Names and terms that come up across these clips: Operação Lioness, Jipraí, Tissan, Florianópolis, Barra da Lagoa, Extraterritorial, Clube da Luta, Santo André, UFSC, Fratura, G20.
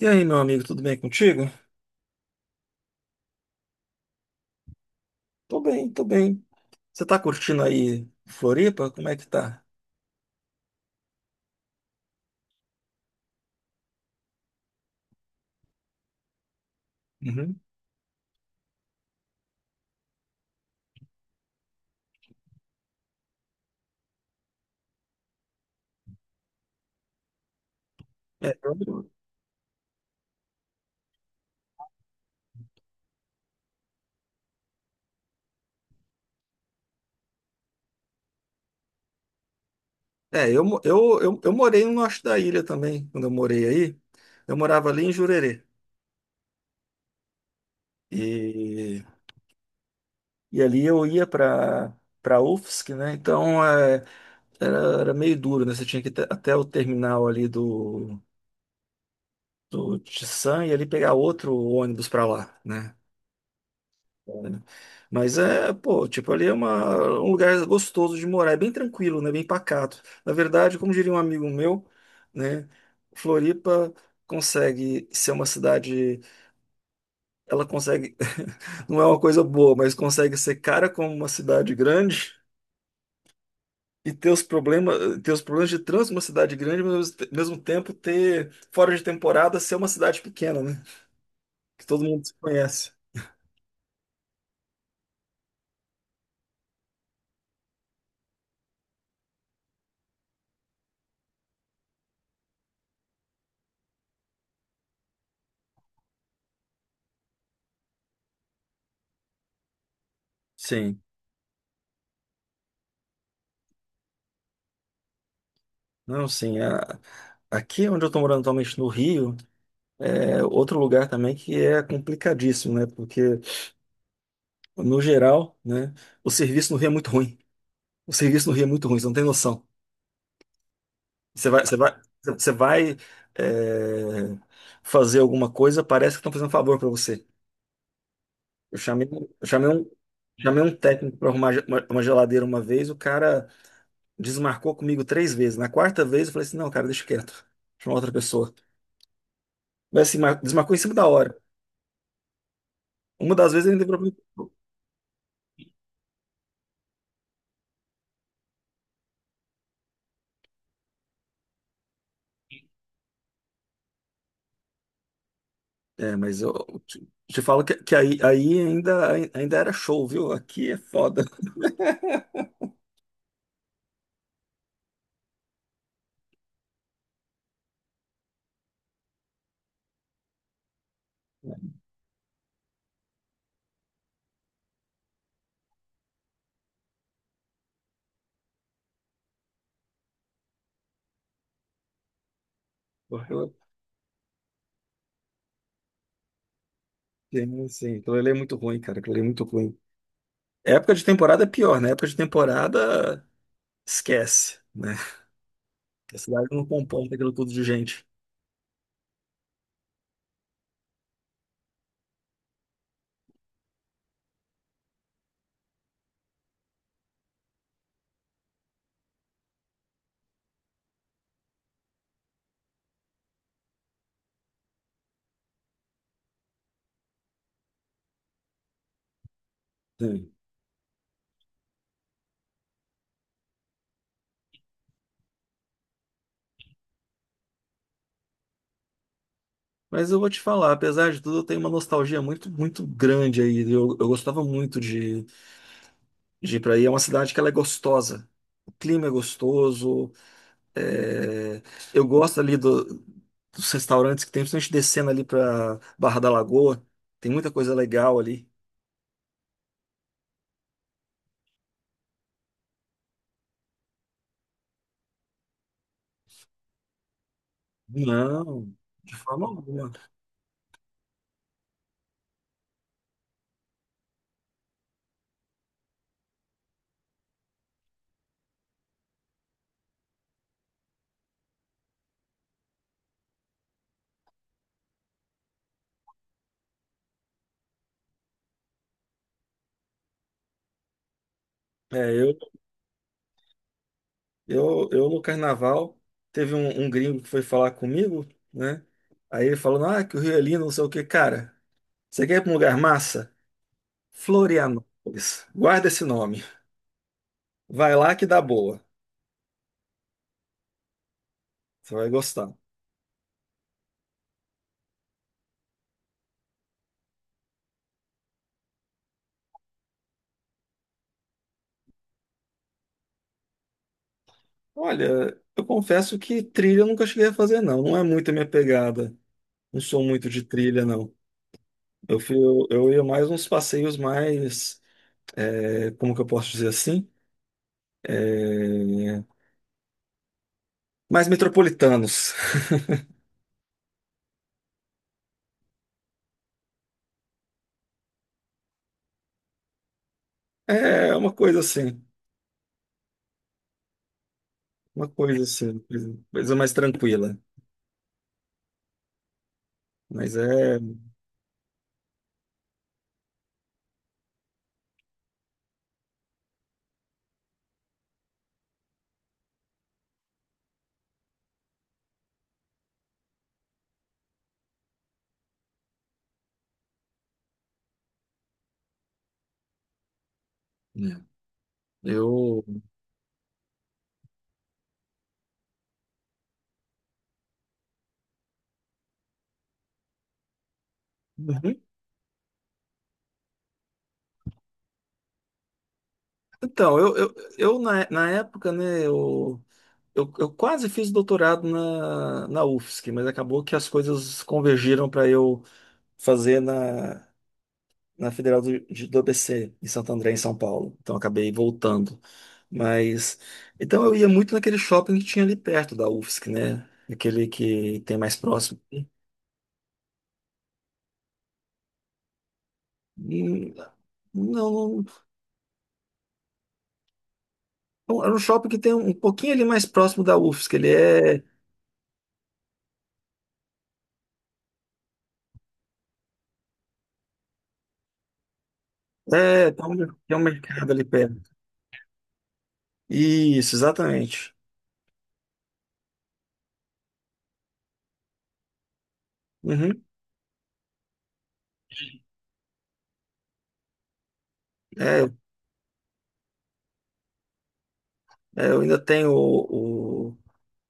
E aí, meu amigo, tudo bem contigo? Tô bem, tô bem. Você tá curtindo aí Floripa? Como é que tá? Uhum. É, eu, é, eu, mo- eu morei no norte da ilha também, quando eu morei aí. Eu morava ali em Jurerê. E, e ali eu ia pra, pra UFSC, né? Então era meio duro, né? Você tinha que ir até o terminal ali do Tissan e ali pegar outro ônibus para lá, né? Né? Mas é, pô, tipo, um lugar gostoso de morar, é bem tranquilo, né? Bem pacato. Na verdade, como diria um amigo meu, né? Floripa consegue ser uma cidade, ela consegue, não é uma coisa boa, mas consegue ser cara como uma cidade grande e ter os problemas de trânsito uma cidade grande, mas ao mesmo tempo ter, fora de temporada, ser uma cidade pequena, né? Que todo mundo se conhece. Sim, não, sim. Aqui onde eu estou morando atualmente no Rio. É outro lugar também que é complicadíssimo, né? Porque, no geral, né, o serviço no Rio é muito ruim. O serviço no Rio é muito ruim, você não tem noção. Você vai, você vai, você vai, é, fazer alguma coisa, parece que estão fazendo um favor para você. Eu chamei chamei um técnico para arrumar uma geladeira uma vez. O cara desmarcou comigo 3 vezes. Na quarta vez, eu falei assim: não, cara, deixa quieto, chama outra pessoa. Mas assim, desmarcou em cima da hora. Uma das vezes ele ainda... É, mas eu te falo que aí, ainda era show, viu? Aqui é foda. Eu, assim, aquilo ali é muito ruim, cara. Aquilo ali é muito ruim. Época de temporada é pior, né? Época de temporada, esquece, né? A cidade não comporta aquilo tudo de gente. Sim. Mas eu vou te falar, apesar de tudo, eu tenho uma nostalgia muito, muito grande aí. Eu gostava muito de... Jipraí é uma cidade que ela é gostosa. O clima é gostoso. é, Eu gosto ali dos restaurantes que tem, principalmente descendo ali para Barra da Lagoa. Tem muita coisa legal ali. Não, de forma alguma. É, eu, eu no carnaval teve um gringo que foi falar comigo, né? Aí ele falou, ah, que o Rio é lindo, não sei o quê. Cara, você quer ir para um lugar massa? Florianópolis. Guarda esse nome. Vai lá que dá boa. Você vai gostar. Olha, eu confesso que trilha eu nunca cheguei a fazer, não. Não é muito a minha pegada. Não sou muito de trilha, não. Eu ia mais uns passeios mais, como que eu posso dizer assim? É, mais metropolitanos. É uma coisa assim, coisa mais tranquila. Mas é. É. Eu. Uhum. Então eu na, na época, né, eu quase fiz doutorado na, na UFSC, mas acabou que as coisas convergiram para eu fazer na, na Federal do ABC, em Santo André, em São Paulo. Então acabei voltando. Mas então eu ia muito naquele shopping que tinha ali perto da UFSC, né? Aquele que tem mais próximo. Hum, Não, não, era um shopping que tem um pouquinho ali mais próximo da UFSC. Tem tem um mercado ali perto. Isso, exatamente. Uhum. É, é, eu ainda tenho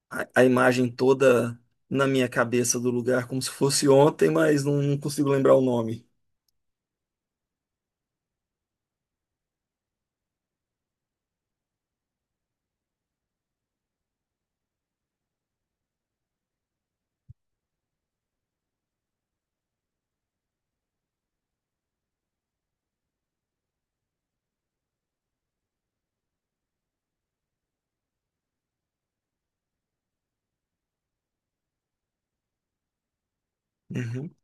a imagem toda na minha cabeça do lugar, como se fosse ontem, mas não, não consigo lembrar o nome. Uhum.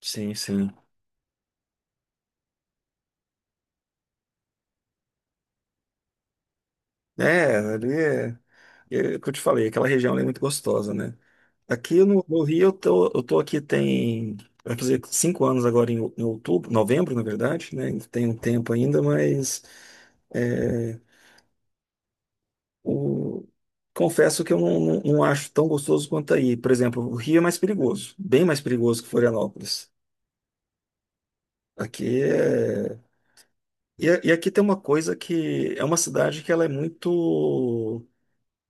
Sim, sim. É, ali é, é o que eu te falei, aquela região ali é muito gostosa, né? Aqui no, no Rio, eu tô aqui tem, vai fazer 5 anos agora em, em outubro, novembro, na verdade, né? Ainda tem um tempo ainda, mas é, O- confesso que eu não acho tão gostoso quanto aí. Por exemplo, o Rio é mais perigoso, bem mais perigoso que Florianópolis. Aqui é. E aqui tem uma coisa que é uma cidade que ela é muito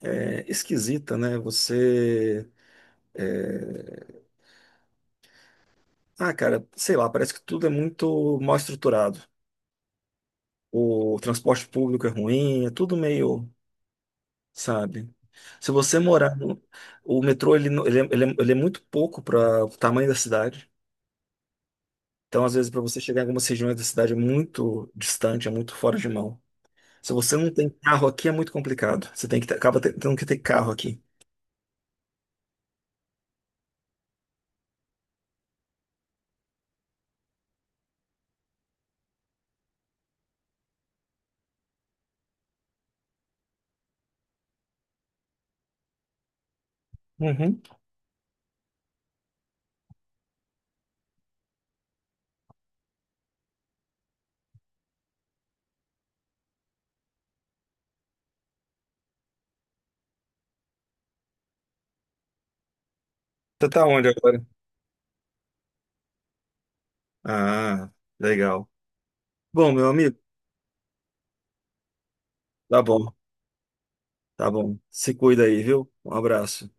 esquisita, né? Você. é, Ah, cara, sei lá, parece que tudo é muito mal estruturado. O transporte público é ruim, é tudo meio, sabe? Se você morar no... O metrô, ele, não- ele, é, ele é ele é muito pouco para o tamanho da cidade. Então, às vezes, para você chegar em algumas regiões da cidade é muito distante, é muito fora de mão. Se você não tem carro aqui, é muito complicado. Você tem que tendo que ter carro aqui. Uhum. Você tá onde agora? Ah, legal. Bom, meu amigo, tá bom, tá bom. Se cuida aí, viu? Um abraço.